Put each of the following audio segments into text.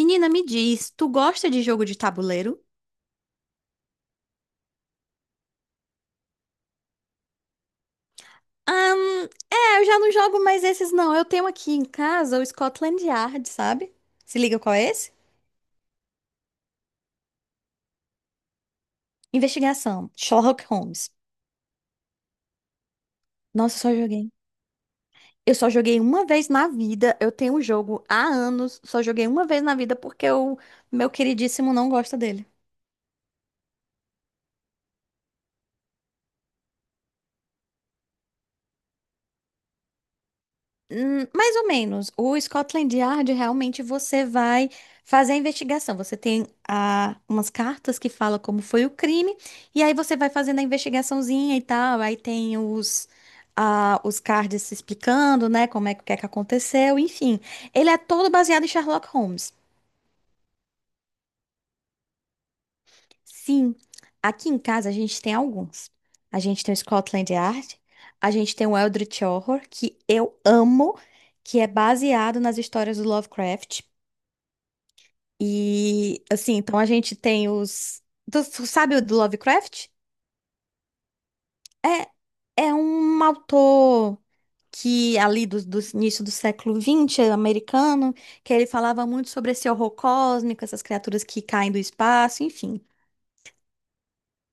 Menina, me diz, tu gosta de jogo de tabuleiro? É, eu já não jogo mais esses não. Eu tenho aqui em casa o Scotland Yard, sabe? Se liga qual é esse? Investigação, Sherlock Holmes. Nossa, eu só joguei. Eu só joguei uma vez na vida. Eu tenho o jogo há anos, só joguei uma vez na vida porque o meu queridíssimo não gosta dele. Mais ou menos. O Scotland Yard realmente você vai fazer a investigação. Você tem umas cartas que fala como foi o crime, e aí você vai fazendo a investigaçãozinha e tal. Aí tem os cards se explicando, né? Como é que, o que é que aconteceu, enfim. Ele é todo baseado em Sherlock Holmes. Sim, aqui em casa a gente tem alguns. A gente tem o Scotland Yard, a gente tem o Eldritch Horror, que eu amo, que é baseado nas histórias do Lovecraft. E assim, então a gente tem os. Tu sabe o do Lovecraft? É, é um autor que ali do início do século XX, é americano, que ele falava muito sobre esse horror cósmico, essas criaturas que caem do espaço, enfim.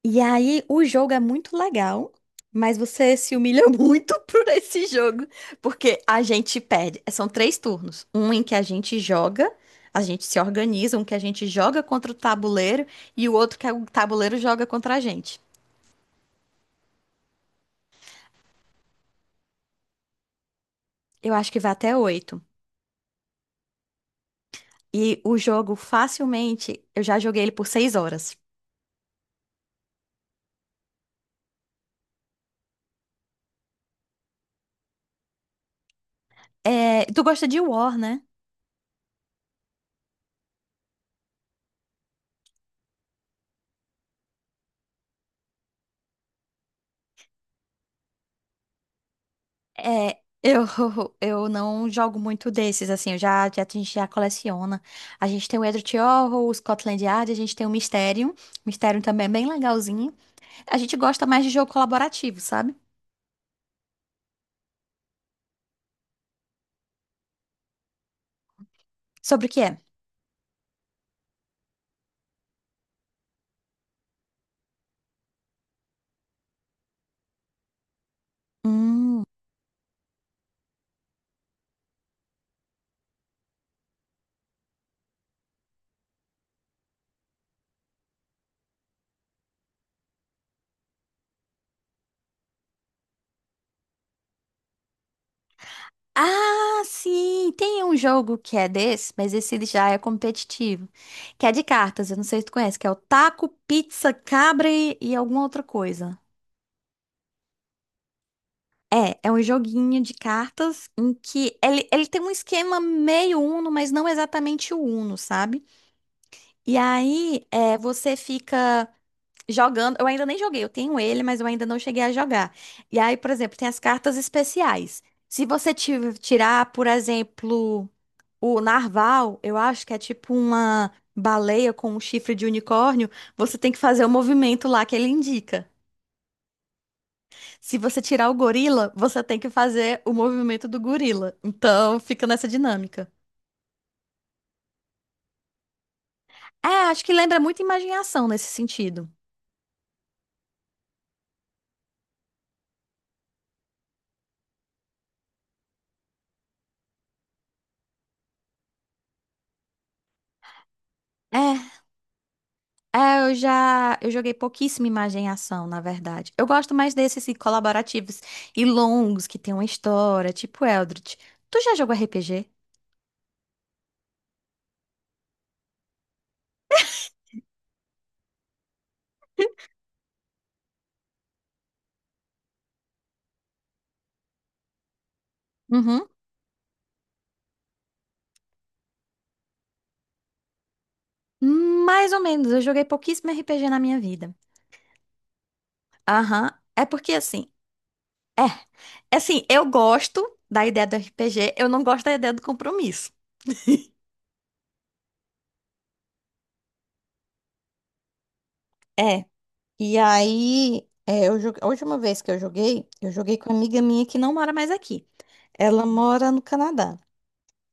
E aí, o jogo é muito legal, mas você se humilha muito por esse jogo, porque a gente perde. São três turnos: um em que a gente joga, a gente se organiza, um que a gente joga contra o tabuleiro e o outro que é o tabuleiro joga contra a gente. Eu acho que vai até oito. E o jogo, facilmente, eu já joguei ele por 6 horas. É, tu gosta de War, né? É, eu, eu não jogo muito desses, assim, eu já, a gente já coleciona. A gente tem o Edward Horror, o Scotland Yard, a gente tem o Mysterium. Mysterium também é bem legalzinho. A gente gosta mais de jogo colaborativo, sabe? Sobre o que é? Hum. Ah, sim! Tem um jogo que é desse, mas esse ele já é competitivo. Que é de cartas, eu não sei se tu conhece, que é o Taco, Pizza, Cabra e alguma outra coisa. É, é um joguinho de cartas em que ele tem um esquema meio Uno, mas não exatamente o Uno, sabe? E aí é, você fica jogando. Eu ainda nem joguei, eu tenho ele, mas eu ainda não cheguei a jogar. E aí, por exemplo, tem as cartas especiais. Se você tirar, por exemplo, o narval, eu acho que é tipo uma baleia com um chifre de unicórnio, você tem que fazer o movimento lá que ele indica. Se você tirar o gorila, você tem que fazer o movimento do gorila. Então, fica nessa dinâmica. É, acho que lembra muito imagem-ação nesse sentido. É, é, eu joguei pouquíssima imagem-ação, na verdade. Eu gosto mais desses assim, colaborativos e longos que tem uma história, tipo Eldritch. Tu já jogou RPG? Uhum. Mais ou menos, eu joguei pouquíssimo RPG na minha vida. Aham. É porque assim, é, é assim, eu gosto da ideia do RPG, eu não gosto da ideia do compromisso. É. E aí, a última vez que eu joguei, com uma amiga minha que não mora mais aqui. Ela mora no Canadá.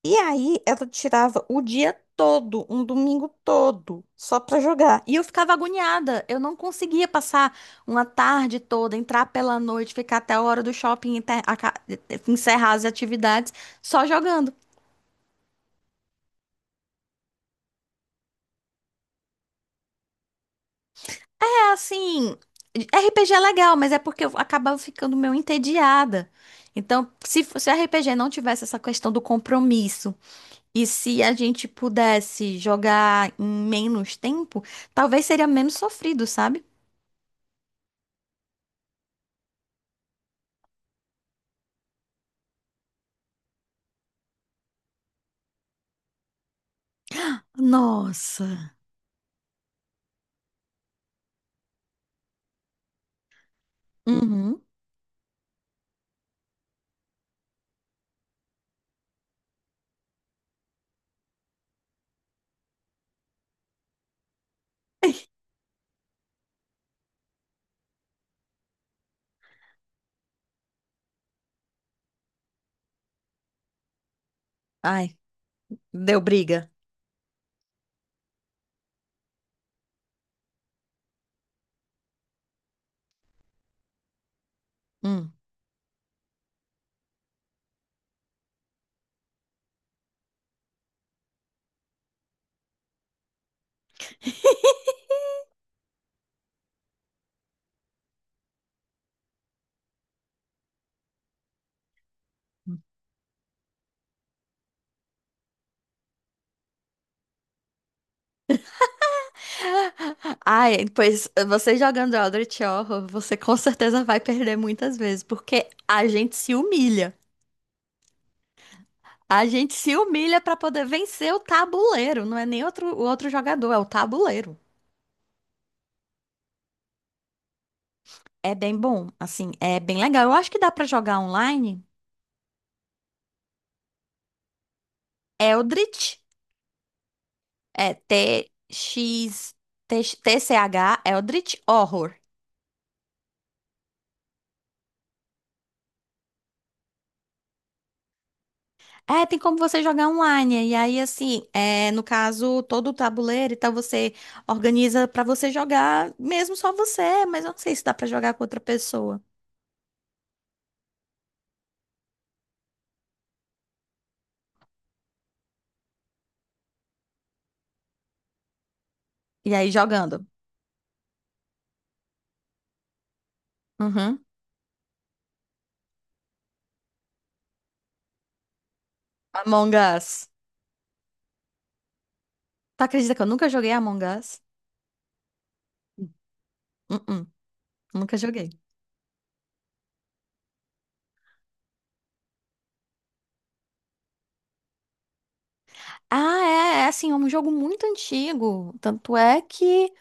E aí, ela tirava o dia todo, um domingo todo, só pra jogar. E eu ficava agoniada. Eu não conseguia passar uma tarde toda, entrar pela noite, ficar até a hora do shopping, encerrar as atividades, só jogando. Assim, RPG é legal, mas é porque eu acabava ficando meio entediada. Então, se o RPG não tivesse essa questão do compromisso, e se a gente pudesse jogar em menos tempo, talvez seria menos sofrido, sabe? Nossa. Uhum. Ai, deu briga. Hum. Ai, pois você jogando Eldritch Horror, você com certeza vai perder muitas vezes, porque a gente se humilha. A gente se humilha pra poder vencer o tabuleiro, não é nem outro, o outro jogador, é o tabuleiro. É bem bom, assim, é bem legal. Eu acho que dá pra jogar online. Eldritch, é TX, TCH, Eldritch Horror. É, tem como você jogar online. E aí, assim, no caso, todo o tabuleiro e tal, você organiza pra você jogar, mesmo só você, mas eu não sei se dá pra jogar com outra pessoa. E aí, jogando. Uhum. Among Us. Tu acredita que eu nunca joguei Among Us? Uh-uh, nunca joguei. Ah, é assim, é um jogo muito antigo. Tanto é que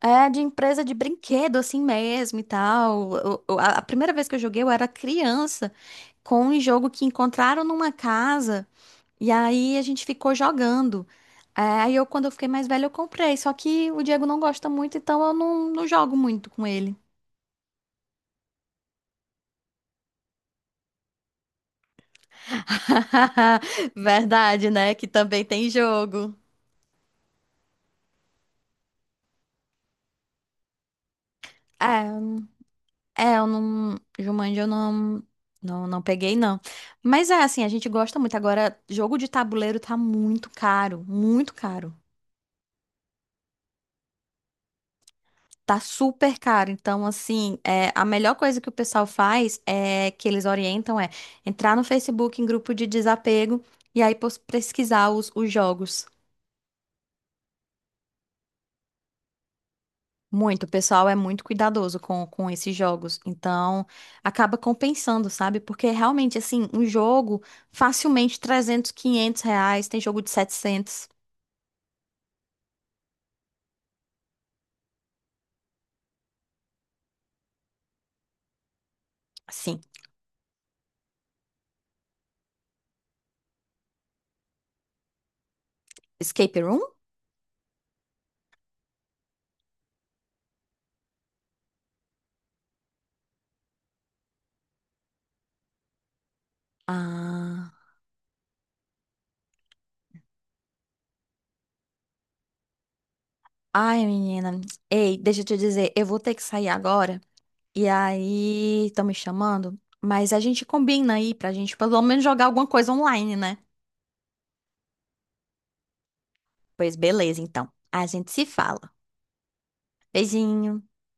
é de empresa de brinquedo, assim mesmo e tal. A primeira vez que eu joguei, eu era criança, com um jogo que encontraram numa casa, e aí a gente ficou jogando. É, aí eu, quando eu fiquei mais velha, eu comprei. Só que o Diego não gosta muito, então eu não jogo muito com ele. Verdade, né? Que também tem jogo. É, é, eu não. Jumanji eu não, não, não peguei, não. Mas é assim, a gente gosta muito. Agora, jogo de tabuleiro tá muito caro, muito caro. Tá super caro. Então, assim, a melhor coisa que o pessoal faz é que eles orientam é entrar no Facebook em grupo de desapego e aí pesquisar os jogos. Muito, o pessoal é muito cuidadoso com esses jogos, então acaba compensando, sabe? Porque realmente, assim, um jogo facilmente 300, R$ 500, tem jogo de 700, assim. Escape Room? Ah, ai, menina, ei, deixa eu te dizer, eu vou ter que sair agora, e aí, estão me chamando, mas a gente combina aí pra gente pelo menos jogar alguma coisa online, né? Pois beleza, então, a gente se fala. Beijinho.